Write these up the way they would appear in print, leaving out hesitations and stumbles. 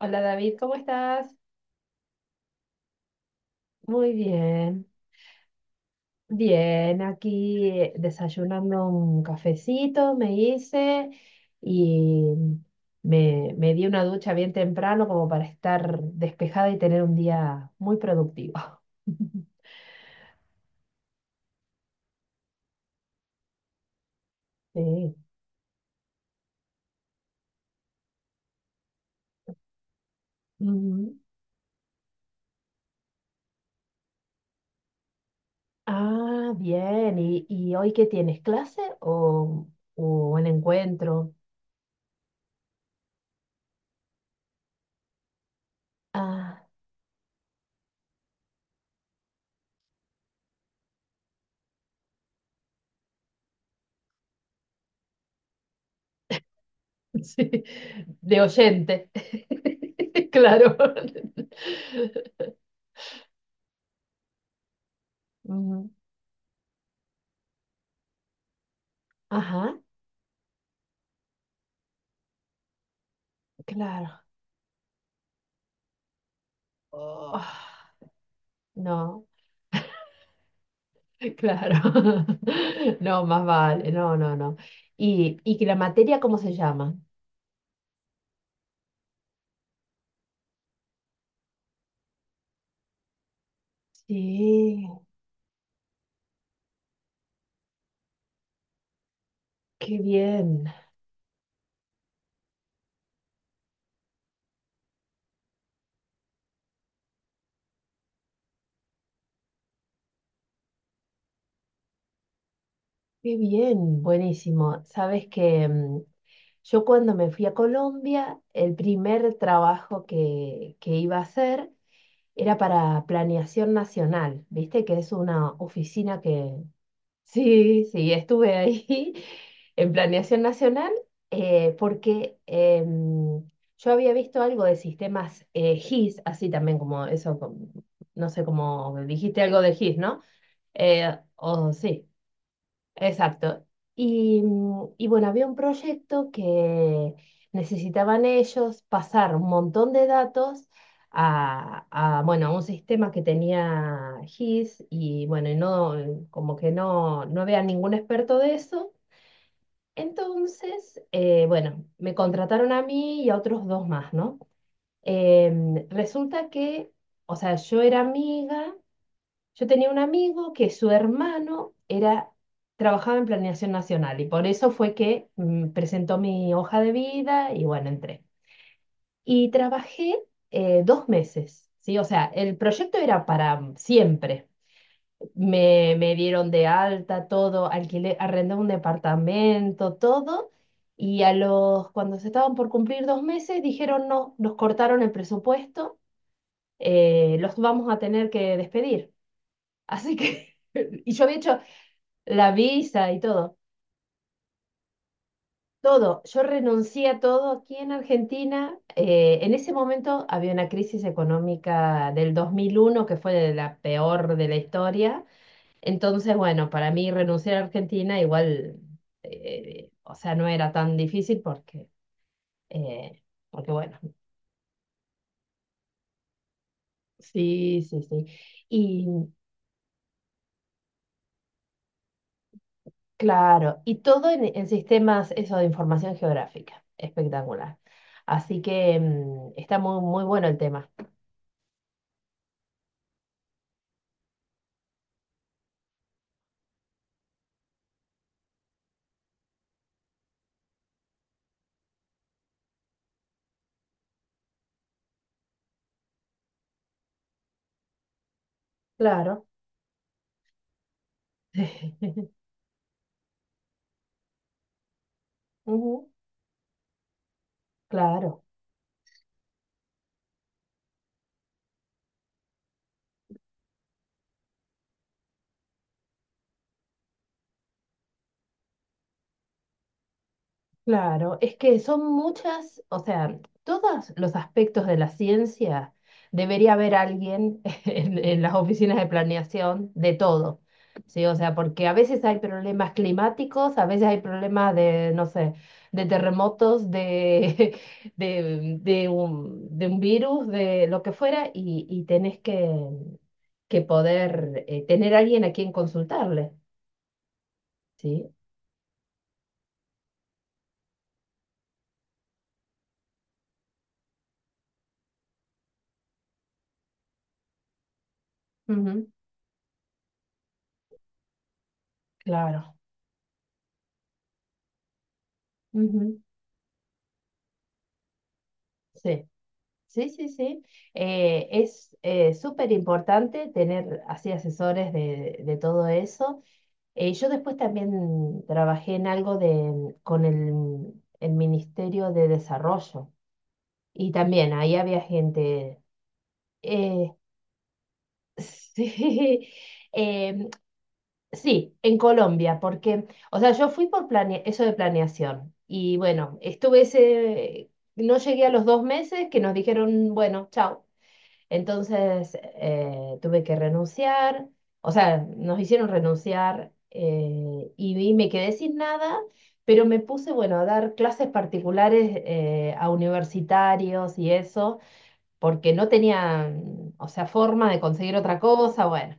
Hola David, ¿cómo estás? Muy bien, bien, aquí desayunando un cafecito me hice y me di una ducha bien temprano como para estar despejada y tener un día muy productivo. Sí. Ujú. Ah, bien, ¿y hoy qué tienes? ¿Clase o un encuentro? Ah, sí, de oyente, claro. Ujú. Ajá, claro. Oh, no, claro. No, más vale. No, no, no. ¿Y que la materia cómo se llama? Sí, qué bien. Qué bien, buenísimo. Sabes que yo cuando me fui a Colombia, el primer trabajo que iba a hacer era para Planeación Nacional, ¿viste? Que es una oficina que... Sí, sí, estuve ahí en Planeación Nacional porque yo había visto algo de sistemas GIS, así también como eso, no sé, como dijiste algo de GIS, ¿no? O sí. Exacto. Y, y bueno, había un proyecto que necesitaban ellos pasar un montón de datos a, a, bueno, a un sistema que tenía GIS y bueno, y no, como que no, no había ningún experto de eso. Entonces, bueno, me contrataron a mí y a otros dos más, ¿no? Resulta que, o sea, yo era amiga yo tenía un amigo que su hermano era, trabajaba en Planeación Nacional y por eso fue que presentó mi hoja de vida y bueno, entré. Y trabajé dos meses, ¿sí? O sea, el proyecto era para siempre. Me dieron de alta todo, alquilé, arrendé un departamento, todo. Y a los, cuando se estaban por cumplir dos meses, dijeron no, nos cortaron el presupuesto, los vamos a tener que despedir. Así que... Y yo había hecho, la visa y todo, todo. Yo renuncié a todo aquí en Argentina. En ese momento había una crisis económica del 2001 que fue la peor de la historia. Entonces, bueno, para mí renunciar a Argentina igual, o sea, no era tan difícil porque, eh, porque bueno, sí, sí, sí. Y claro, y todo en sistemas, eso de información geográfica, espectacular. Así que está muy, muy bueno el tema. Claro. Ujú. Claro, claro. Es que son muchas, o sea, todos los aspectos de la ciencia debería haber alguien en las oficinas de planeación de todo. Sí, o sea, porque a veces hay problemas climáticos, a veces hay problemas de, no sé, de terremotos, de, de un virus, de lo que fuera, y tenés que poder tener alguien a quien consultarle. ¿Sí? Ujú, claro. Ujú, sí, sí, sí, sí. Es súper importante tener así asesores de todo eso. Yo después también trabajé en algo de, con el Ministerio de Desarrollo y también ahí había gente, eh, sí, eh, sí, en Colombia, porque, o sea, yo fui por eso de planeación y bueno, estuve ese, no llegué a los dos meses que nos dijeron, bueno, chao. Entonces tuve que renunciar, o sea, nos hicieron renunciar y, me quedé sin nada, pero me puse, bueno, a dar clases particulares a universitarios y eso, porque no tenía, o sea, forma de conseguir otra cosa, bueno,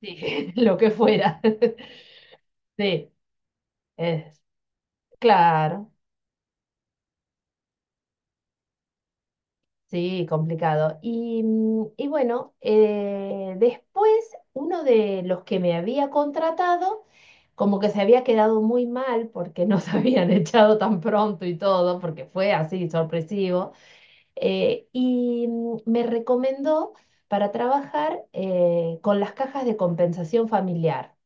sí, lo que fuera. Sí. Es, claro, sí, complicado. Y, y bueno, después uno de los que me había contratado, como que se había quedado muy mal porque nos habían echado tan pronto y todo, porque fue así sorpresivo, y me recomendó para trabajar con las cajas de compensación familiar.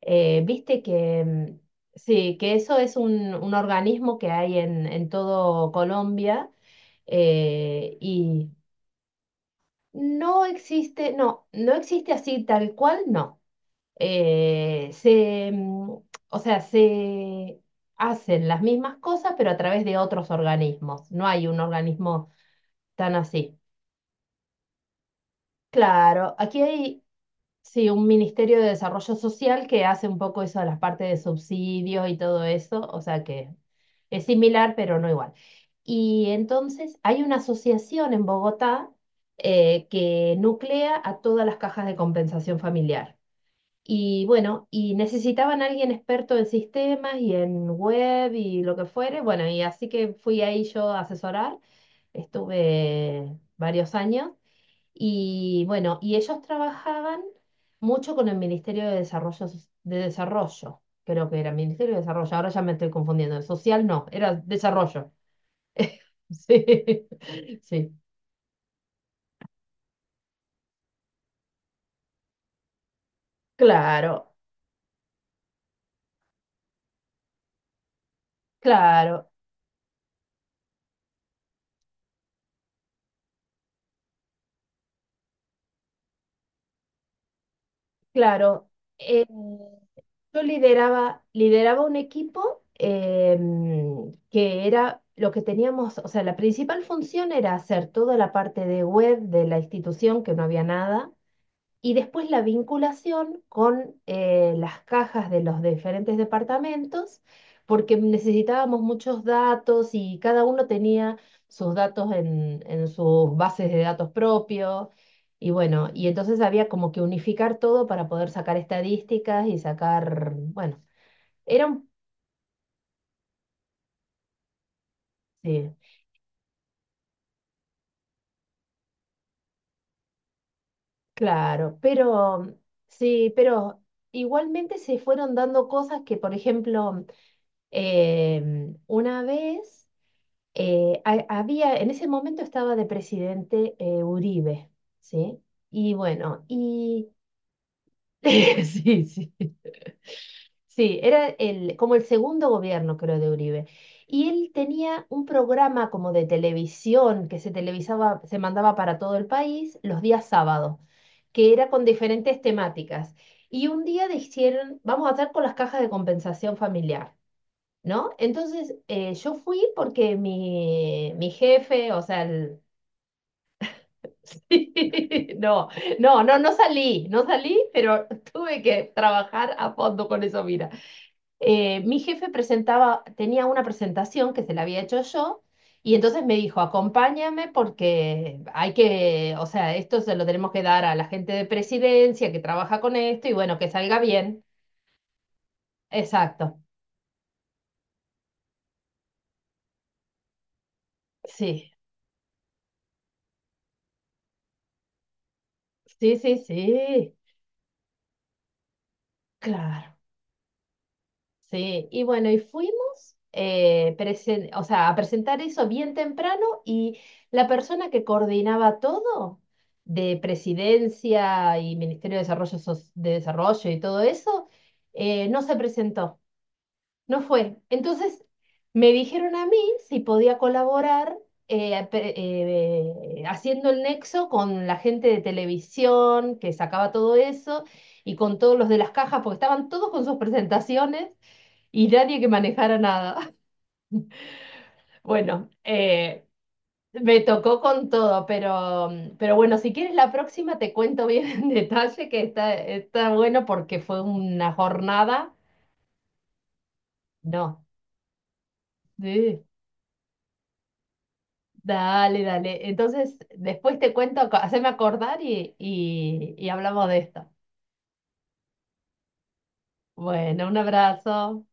Viste que... sí, que eso es un organismo que hay en todo Colombia. Y no existe, no, no existe así tal cual, no. Eh, se, mm, o sea, se hacen las mismas cosas, pero a través de otros organismos. No hay un organismo tan así. Claro, aquí hay sí, un Ministerio de Desarrollo Social que hace un poco eso de las partes de subsidios y todo eso, o sea que es similar, pero no igual. Y entonces hay una asociación en Bogotá que nuclea a todas las cajas de compensación familiar. Y bueno, y necesitaban a alguien experto en sistemas y en web y lo que fuere. Bueno, y así que fui ahí yo a asesorar, estuve varios años. Y bueno, y ellos trabajaban mucho con el Ministerio de Desarrollo, de Desarrollo, creo que era Ministerio de Desarrollo, ahora ya me estoy confundiendo, el social no, era Desarrollo. Sí, sí, claro, claro, claro. Eh, yo lideraba, lideraba un equipo que era lo que teníamos, o sea, la principal función era hacer toda la parte de web de la institución, que no había nada. Y después la vinculación con las cajas de los diferentes departamentos, porque necesitábamos muchos datos y cada uno tenía sus datos en sus bases de datos propios. Y bueno, y entonces había como que unificar todo para poder sacar estadísticas y sacar, bueno, era un... Sí, claro, pero sí, pero igualmente se fueron dando cosas que, por ejemplo, una vez... había, en ese momento estaba de presidente Uribe, ¿sí? Y bueno, y sí, sí. Sí, era el, como el segundo gobierno, creo, de Uribe. Y él tenía un programa como de televisión que se televisaba, se mandaba para todo el país los días sábados, que era con diferentes temáticas. Y un día dijeron, vamos a hacer con las cajas de compensación familiar. ¿No? Entonces yo fui porque mi jefe, o sea, el- no, no, no, no salí, no salí, pero tuve que trabajar a fondo con eso, mira. Mi jefe presentaba, tenía una presentación que se la había hecho yo. Y entonces me dijo, acompáñame porque hay que, o sea, esto se lo tenemos que dar a la gente de presidencia que trabaja con esto y bueno, que salga bien. Exacto. Sí, sí, sí, sí. Claro. Sí, y bueno, y fuimos o sea, a presentar eso bien temprano y la persona que coordinaba todo de Presidencia y Ministerio de Desarrollo, de Desarrollo y todo eso, no se presentó, no fue. Entonces me dijeron a mí si podía colaborar eh, pe- haciendo el nexo con la gente de televisión que sacaba todo eso y con todos los de las cajas, porque estaban todos con sus presentaciones. Y nadie que manejara nada. Bueno, me tocó con todo, pero bueno, si quieres la próxima te cuento bien en detalle que está, está bueno porque fue una jornada. No, sí, dale, dale. Entonces, después te cuento, haceme acordar y hablamos de esto. Bueno, un abrazo.